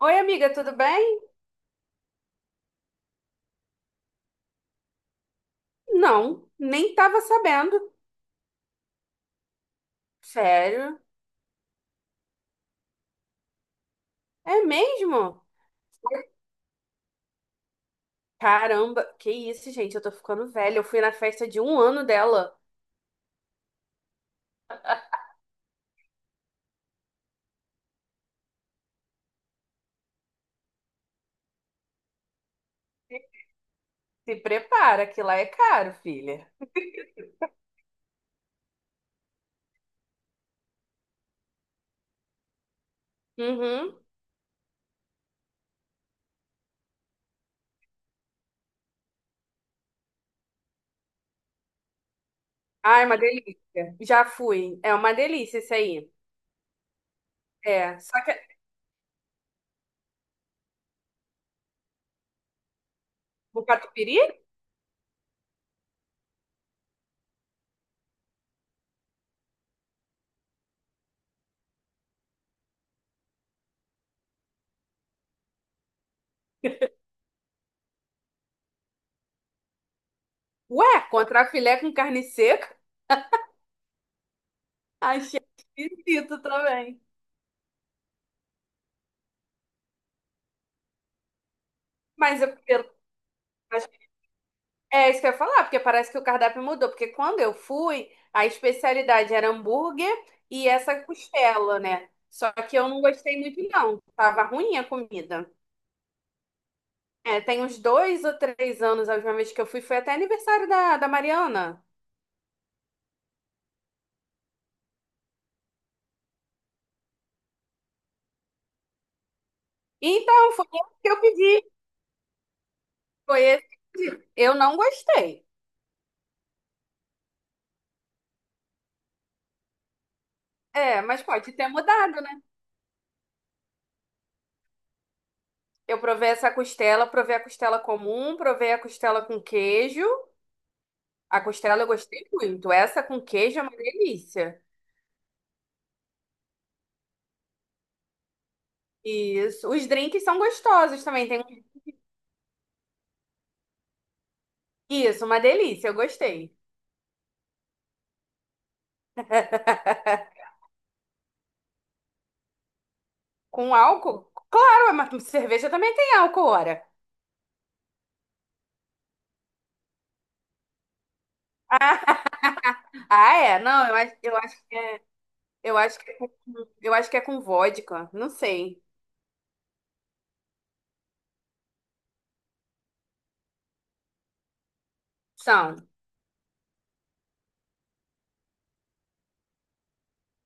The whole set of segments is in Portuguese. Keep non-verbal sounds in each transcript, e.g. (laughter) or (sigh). Oi, amiga, tudo bem? Não, nem tava sabendo. Sério? É mesmo? Caramba, que isso, gente, eu tô ficando velha. Eu fui na festa de um ano dela. Se prepara, que lá é caro, filha. Uhum. Ai, uma delícia. Já fui. É uma delícia isso aí. É, só que... O catupiry? Ué, contrafilé com carne seca? Achei esquisito também. Mas é pelo... É isso que eu ia falar, porque parece que o cardápio mudou. Porque quando eu fui, a especialidade era hambúrguer e essa costela, né? Só que eu não gostei muito, não. Tava ruim a comida. É, tem uns 2 ou 3 anos, a última vez que eu fui, foi até aniversário da Mariana. Então, foi esse que eu pedi. Foi esse que eu pedi. Eu não gostei. É, mas pode ter mudado, né? Eu provei essa costela, provei a costela comum, provei a costela com queijo. A costela eu gostei muito. Essa com queijo é uma delícia. Isso. Os drinks são gostosos também. Tem... um. Isso, uma delícia. Eu gostei. Com álcool? Claro, mas cerveja também tem álcool, ora. Ah, é? Não, eu acho, eu acho, eu acho que é com, eu acho que é com vodka. Não sei. São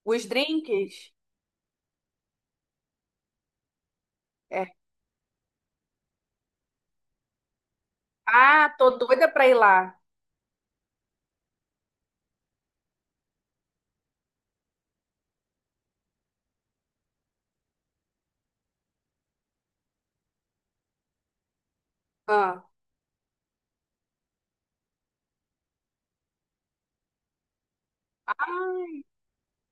os drinks? É. Ah, tô doida pra ir lá. Ah.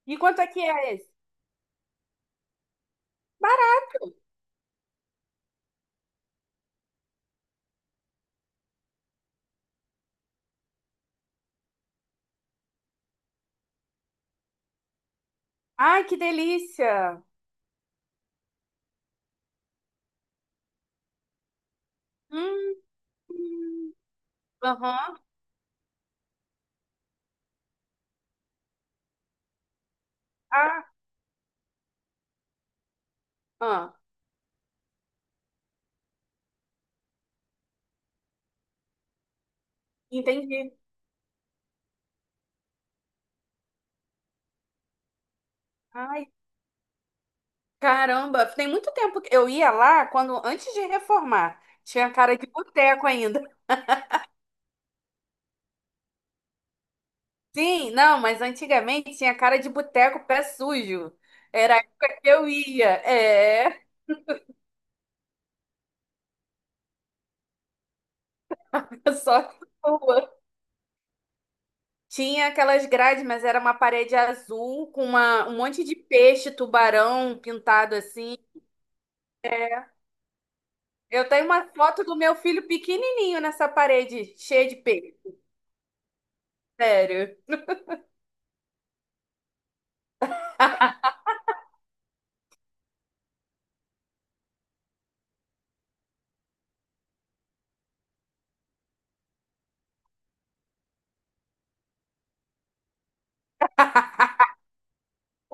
E quanto é que é esse? Ai, que delícia! Hum, aham. Ah, ah, entendi. Ah. Caramba, tem muito tempo que eu ia lá quando antes de reformar. Tinha cara de boteco ainda. (laughs) Sim, não, mas antigamente tinha cara de boteco pé sujo. Era a época que eu ia. É, (laughs) só que boa. Tinha aquelas grades, mas era uma parede azul com uma, um monte de peixe, tubarão pintado assim. Eu tenho uma foto do meu filho pequenininho nessa parede, cheia de peixe. Sério.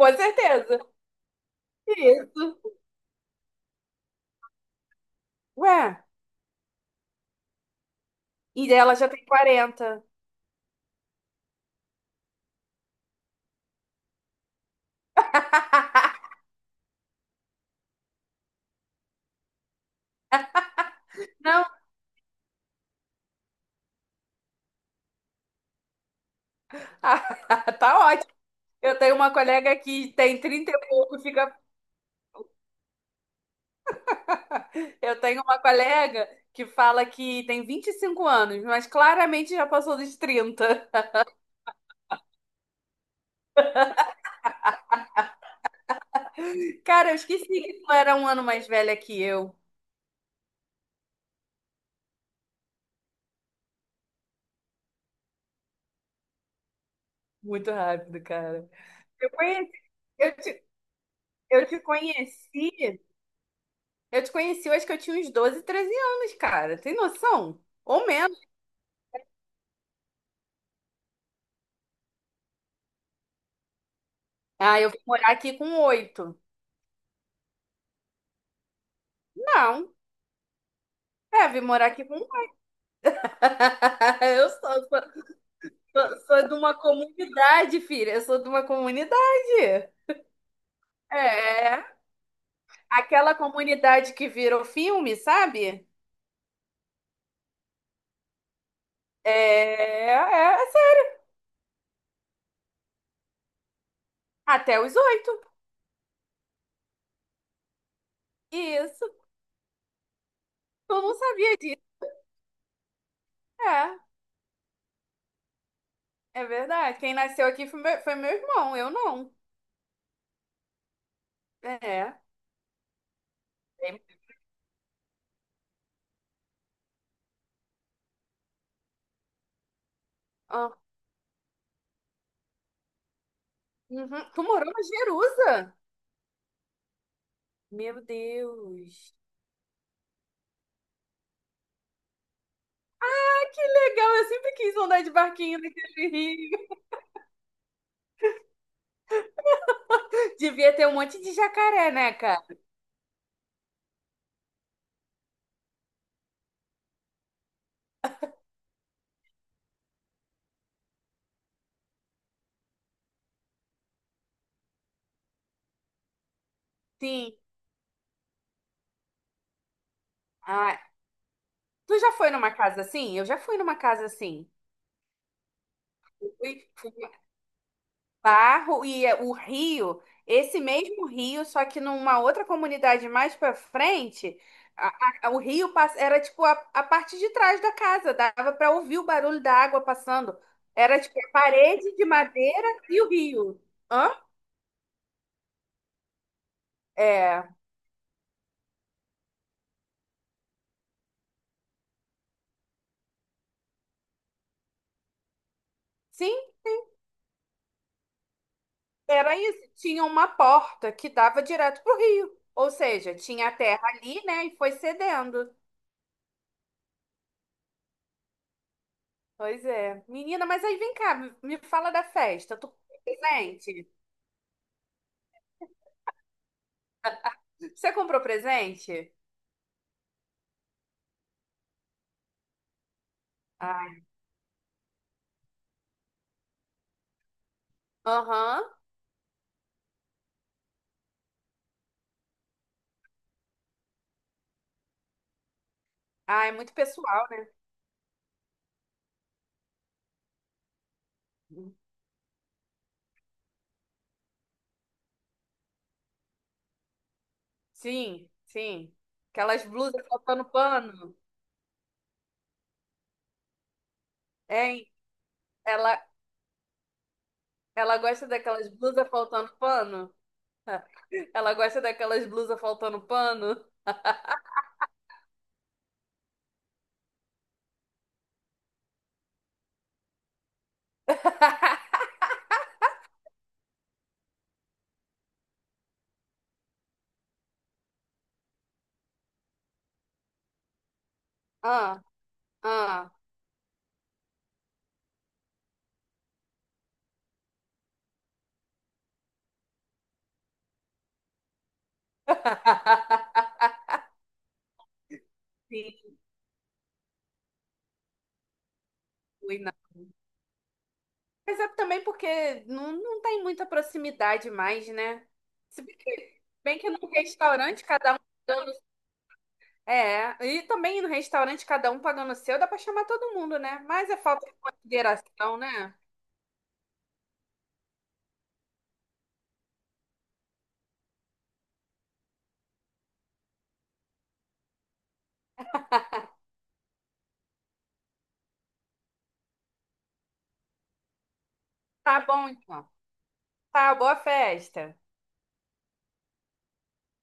Com certeza. Isso. Ué, e ela já tem 40. Não, (laughs) tá ótimo. Eu tenho uma colega que tem 30 e pouco, fica. Eu tenho uma colega que fala que tem 25 anos, mas claramente já passou dos 30. Cara, eu esqueci que tu era um ano mais velha que eu. Muito rápido, cara. Eu conheci, eu te, eu te conheci, eu te conheci, eu acho que eu tinha uns 12, 13 anos, cara. Tem noção? Ou menos. Ah, eu vim morar aqui com 8. Não. É, vim morar aqui com. (laughs) Eu sou. Sou de uma comunidade, filha. Eu sou de uma comunidade. É. Aquela comunidade que virou filme, sabe? É, assim, até os 8. Isso. Eu não sabia disso. É, é verdade. Quem nasceu aqui foi meu irmão, eu não. É. Tem- Ah, uhum. Tu morou na Jerusa? Meu Deus. Que legal, eu sempre quis andar de barquinho naquele rio. (laughs) Devia ter um monte de jacaré, né, cara? Sim. Ah, tu já foi numa casa assim? Eu já fui numa casa assim. Fui, fui em Barro e é, o Rio, esse mesmo Rio, só que numa outra comunidade mais pra frente, a- o Rio pass- era tipo a parte de trás da casa, dava pra ouvir o barulho da água passando. Era tipo a parede de madeira e o rio. Hã? É, sim, era isso. Tinha uma porta que dava direto pro rio. Ou seja, tinha a terra ali, né, e foi cedendo. Pois é. Menina, mas aí vem cá, me fala da festa. Tu comprou presente? (laughs) Você comprou presente? Ai. Aham. Ah, é muito pessoal, né? Sim, sim. Aquelas blusas faltando pano. Hein? Ela, ela gosta daquelas blusas faltando pano? (laughs) Ela gosta daquelas blusas faltando pano? (laughs) Ah, ah. (laughs) Sim, fui, não. Mas é também porque não tem muita proximidade mais, né? Bem que no restaurante cada um pagando. É, e também no restaurante cada um pagando o seu, dá pra chamar todo mundo, né? Mas é falta de consideração, né? Tá bom, então. Tá, boa festa.